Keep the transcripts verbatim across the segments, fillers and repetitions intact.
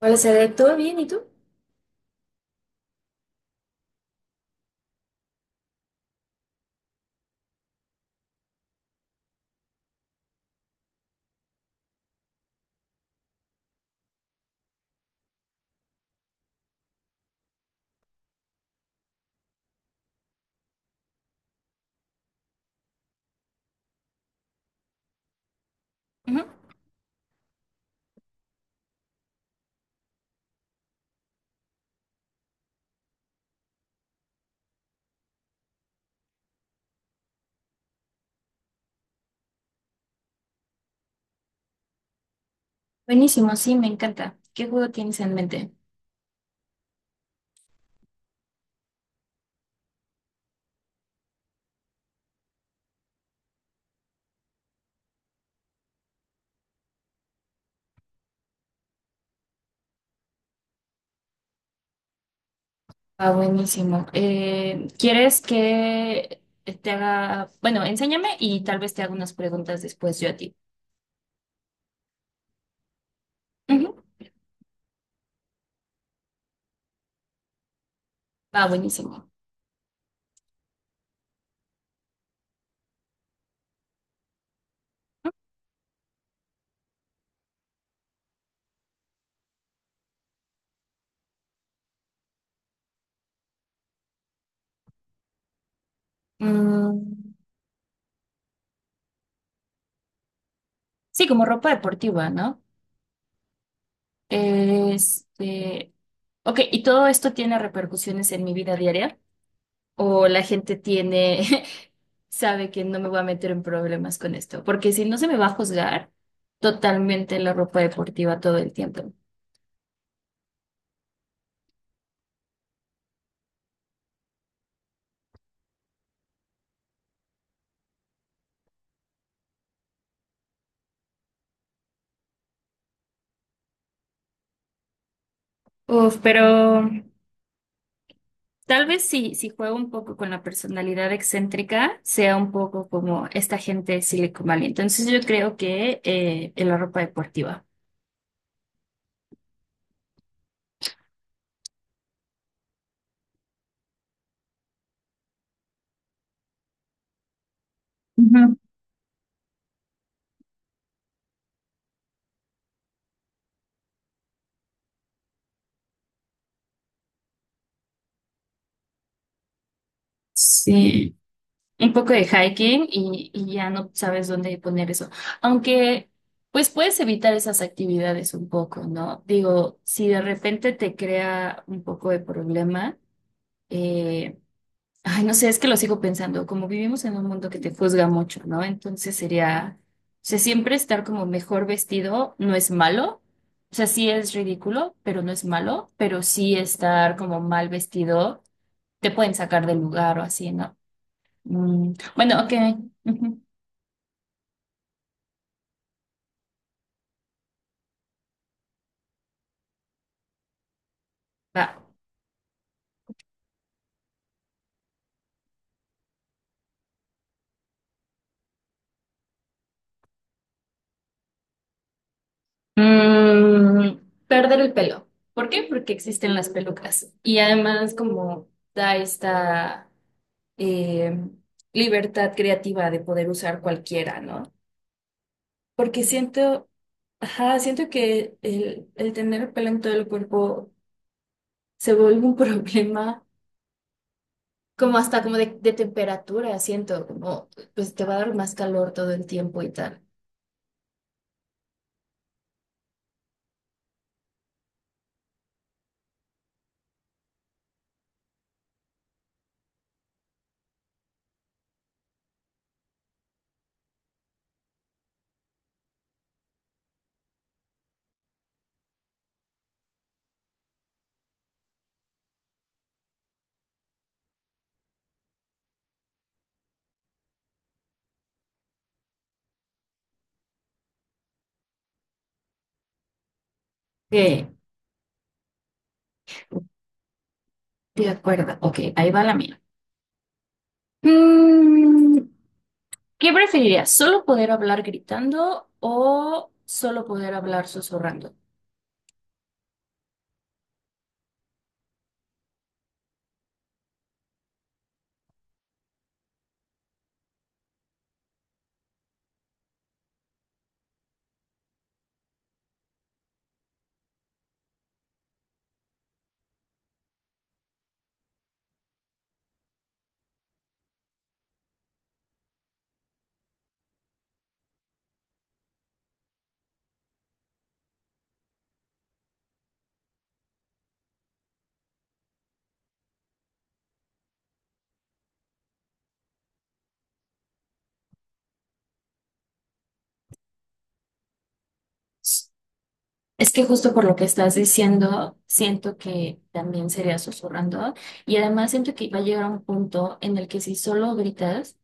Hola, Cede, ¿todo bien? ¿Y tú? Ujú. Buenísimo, sí, me encanta. ¿Qué juego tienes en mente? Ah, buenísimo. Eh, ¿quieres que te haga, bueno, enséñame y tal vez te haga unas preguntas después yo a ti? Ujú. Va, buenísimo. Mm, sí, como ropa deportiva, ¿no? Este, ok, ¿y todo esto tiene repercusiones en mi vida diaria? O la gente tiene, sabe que no me voy a meter en problemas con esto, porque si no se me va a juzgar totalmente la ropa deportiva todo el tiempo. Uf, pero tal vez si, si juego un poco con la personalidad excéntrica, sea un poco como esta gente de Silicon Valley. Entonces yo creo que eh, en la ropa deportiva. Ujú. Sí, un poco de hiking y, y ya no sabes dónde poner eso. Aunque, pues puedes evitar esas actividades un poco, ¿no? Digo, si de repente te crea un poco de problema, eh, Ay, no sé, es que lo sigo pensando, como vivimos en un mundo que te juzga mucho, ¿no? Entonces sería, o sea, siempre estar como mejor vestido no es malo, o sea, sí es ridículo, pero no es malo, pero sí estar como mal vestido te pueden sacar del lugar o así, ¿no? Mm, bueno, ok. Ujú, va. Mm, perder el pelo. ¿Por qué? Porque existen las pelucas y además como da esta em, libertad creativa de poder usar cualquiera, ¿no? Porque siento, ajá, siento que el, el tener pelo en todo el cuerpo se vuelve un problema, como hasta como de, de temperatura, siento, como pues te va a dar más calor todo el tiempo y tal. Eh, de acuerdo. Ok, ahí va la mía. Mm, ¿qué preferirías? ¿Solo poder hablar gritando o solo poder hablar susurrando? Es que justo por lo que estás diciendo, siento que también sería susurrando y además siento que va a llegar un punto en el que si solo gritas,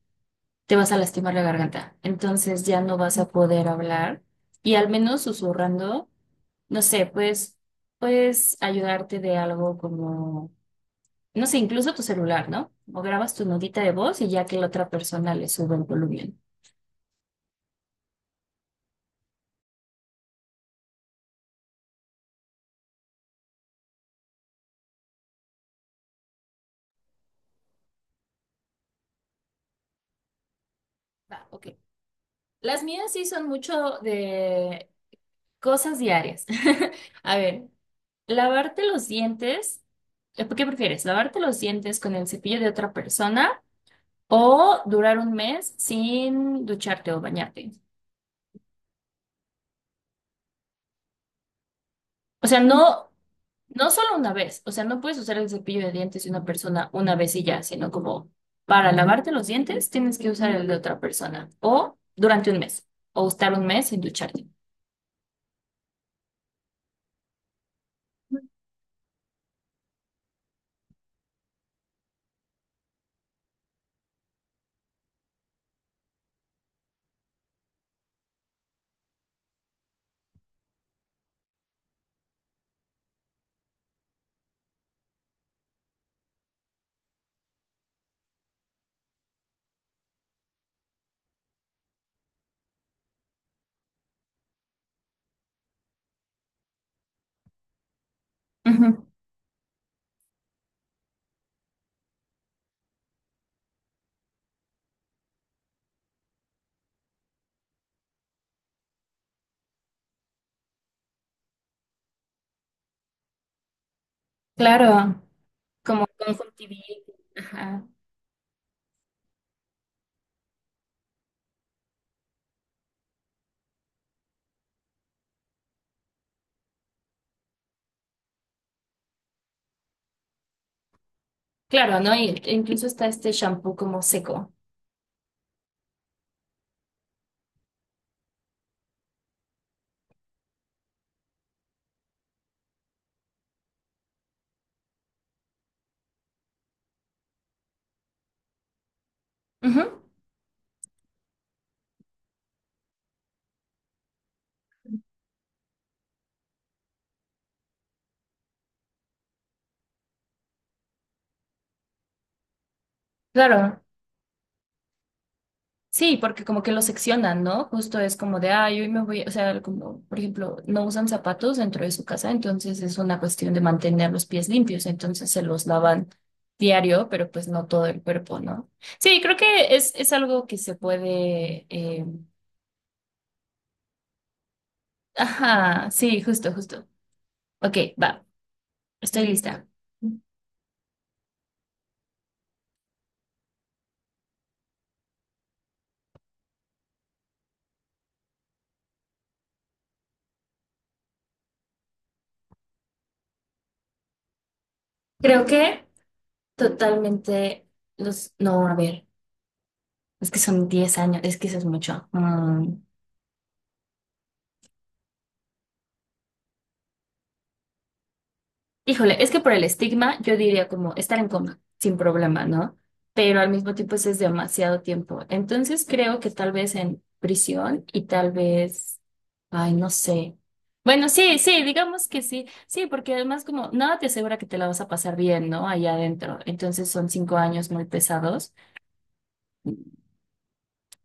te vas a lastimar la garganta. Entonces ya no vas a poder hablar y al menos susurrando, no sé, pues puedes ayudarte de algo como, no sé, incluso tu celular, ¿no? O grabas tu notita de voz y ya que la otra persona le sube el volumen. Va, ok. Las mías sí son mucho de cosas diarias. A ver, lavarte los dientes. eh, ¿Qué prefieres? ¿Lavarte los dientes con el cepillo de otra persona o durar un mes sin ducharte o bañarte? O sea, no, no solo una vez. O sea, no puedes usar el cepillo de dientes de una persona una vez y ya, sino como para lavarte los dientes tienes que usar el de otra persona o durante un mes o estar un mes sin ducharte. Ujú. Claro, como conjuntivitis. Ajá. Claro, ¿no? Y e incluso está este shampoo como seco. Ujú, claro, sí, porque como que lo seccionan, ¿no? Justo es como de, ay, hoy me voy, o sea, como, por ejemplo, no usan zapatos dentro de su casa, entonces es una cuestión de mantener los pies limpios, entonces se los lavan diario, pero pues no todo el cuerpo, ¿no? Sí, creo que es, es algo que se puede, eh, ajá, sí, justo, justo. Ok, va, estoy lista. Creo que totalmente los, no, a ver. Es que son diez años, es que eso es mucho. Mm. Híjole, es que por el estigma yo diría como estar en coma, sin problema, ¿no? Pero al mismo tiempo eso es demasiado tiempo. Entonces creo que tal vez en prisión y tal vez, ay, no sé. Bueno, sí, sí, digamos que sí, sí, porque además como nada te asegura que te la vas a pasar bien, ¿no? Allá adentro. Entonces son cinco años muy pesados.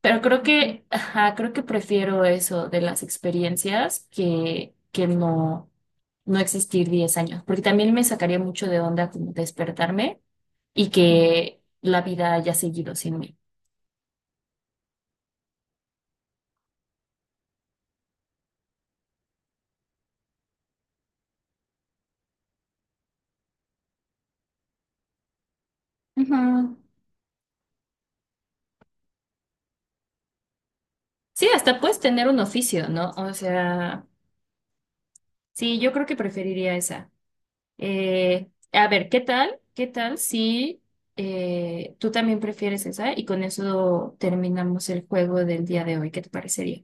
Pero creo que, ajá, creo que prefiero eso de las experiencias que, que no, no existir diez años, porque también me sacaría mucho de onda como despertarme y que la vida haya seguido sin mí. Ujú. Sí, hasta puedes tener un oficio, ¿no? O sea, sí, yo creo que preferiría esa. Eh, a ver, ¿qué tal? ¿Qué tal si eh, tú también prefieres esa? Y con eso terminamos el juego del día de hoy. ¿Qué te parecería?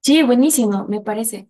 Sí, buenísimo, me parece.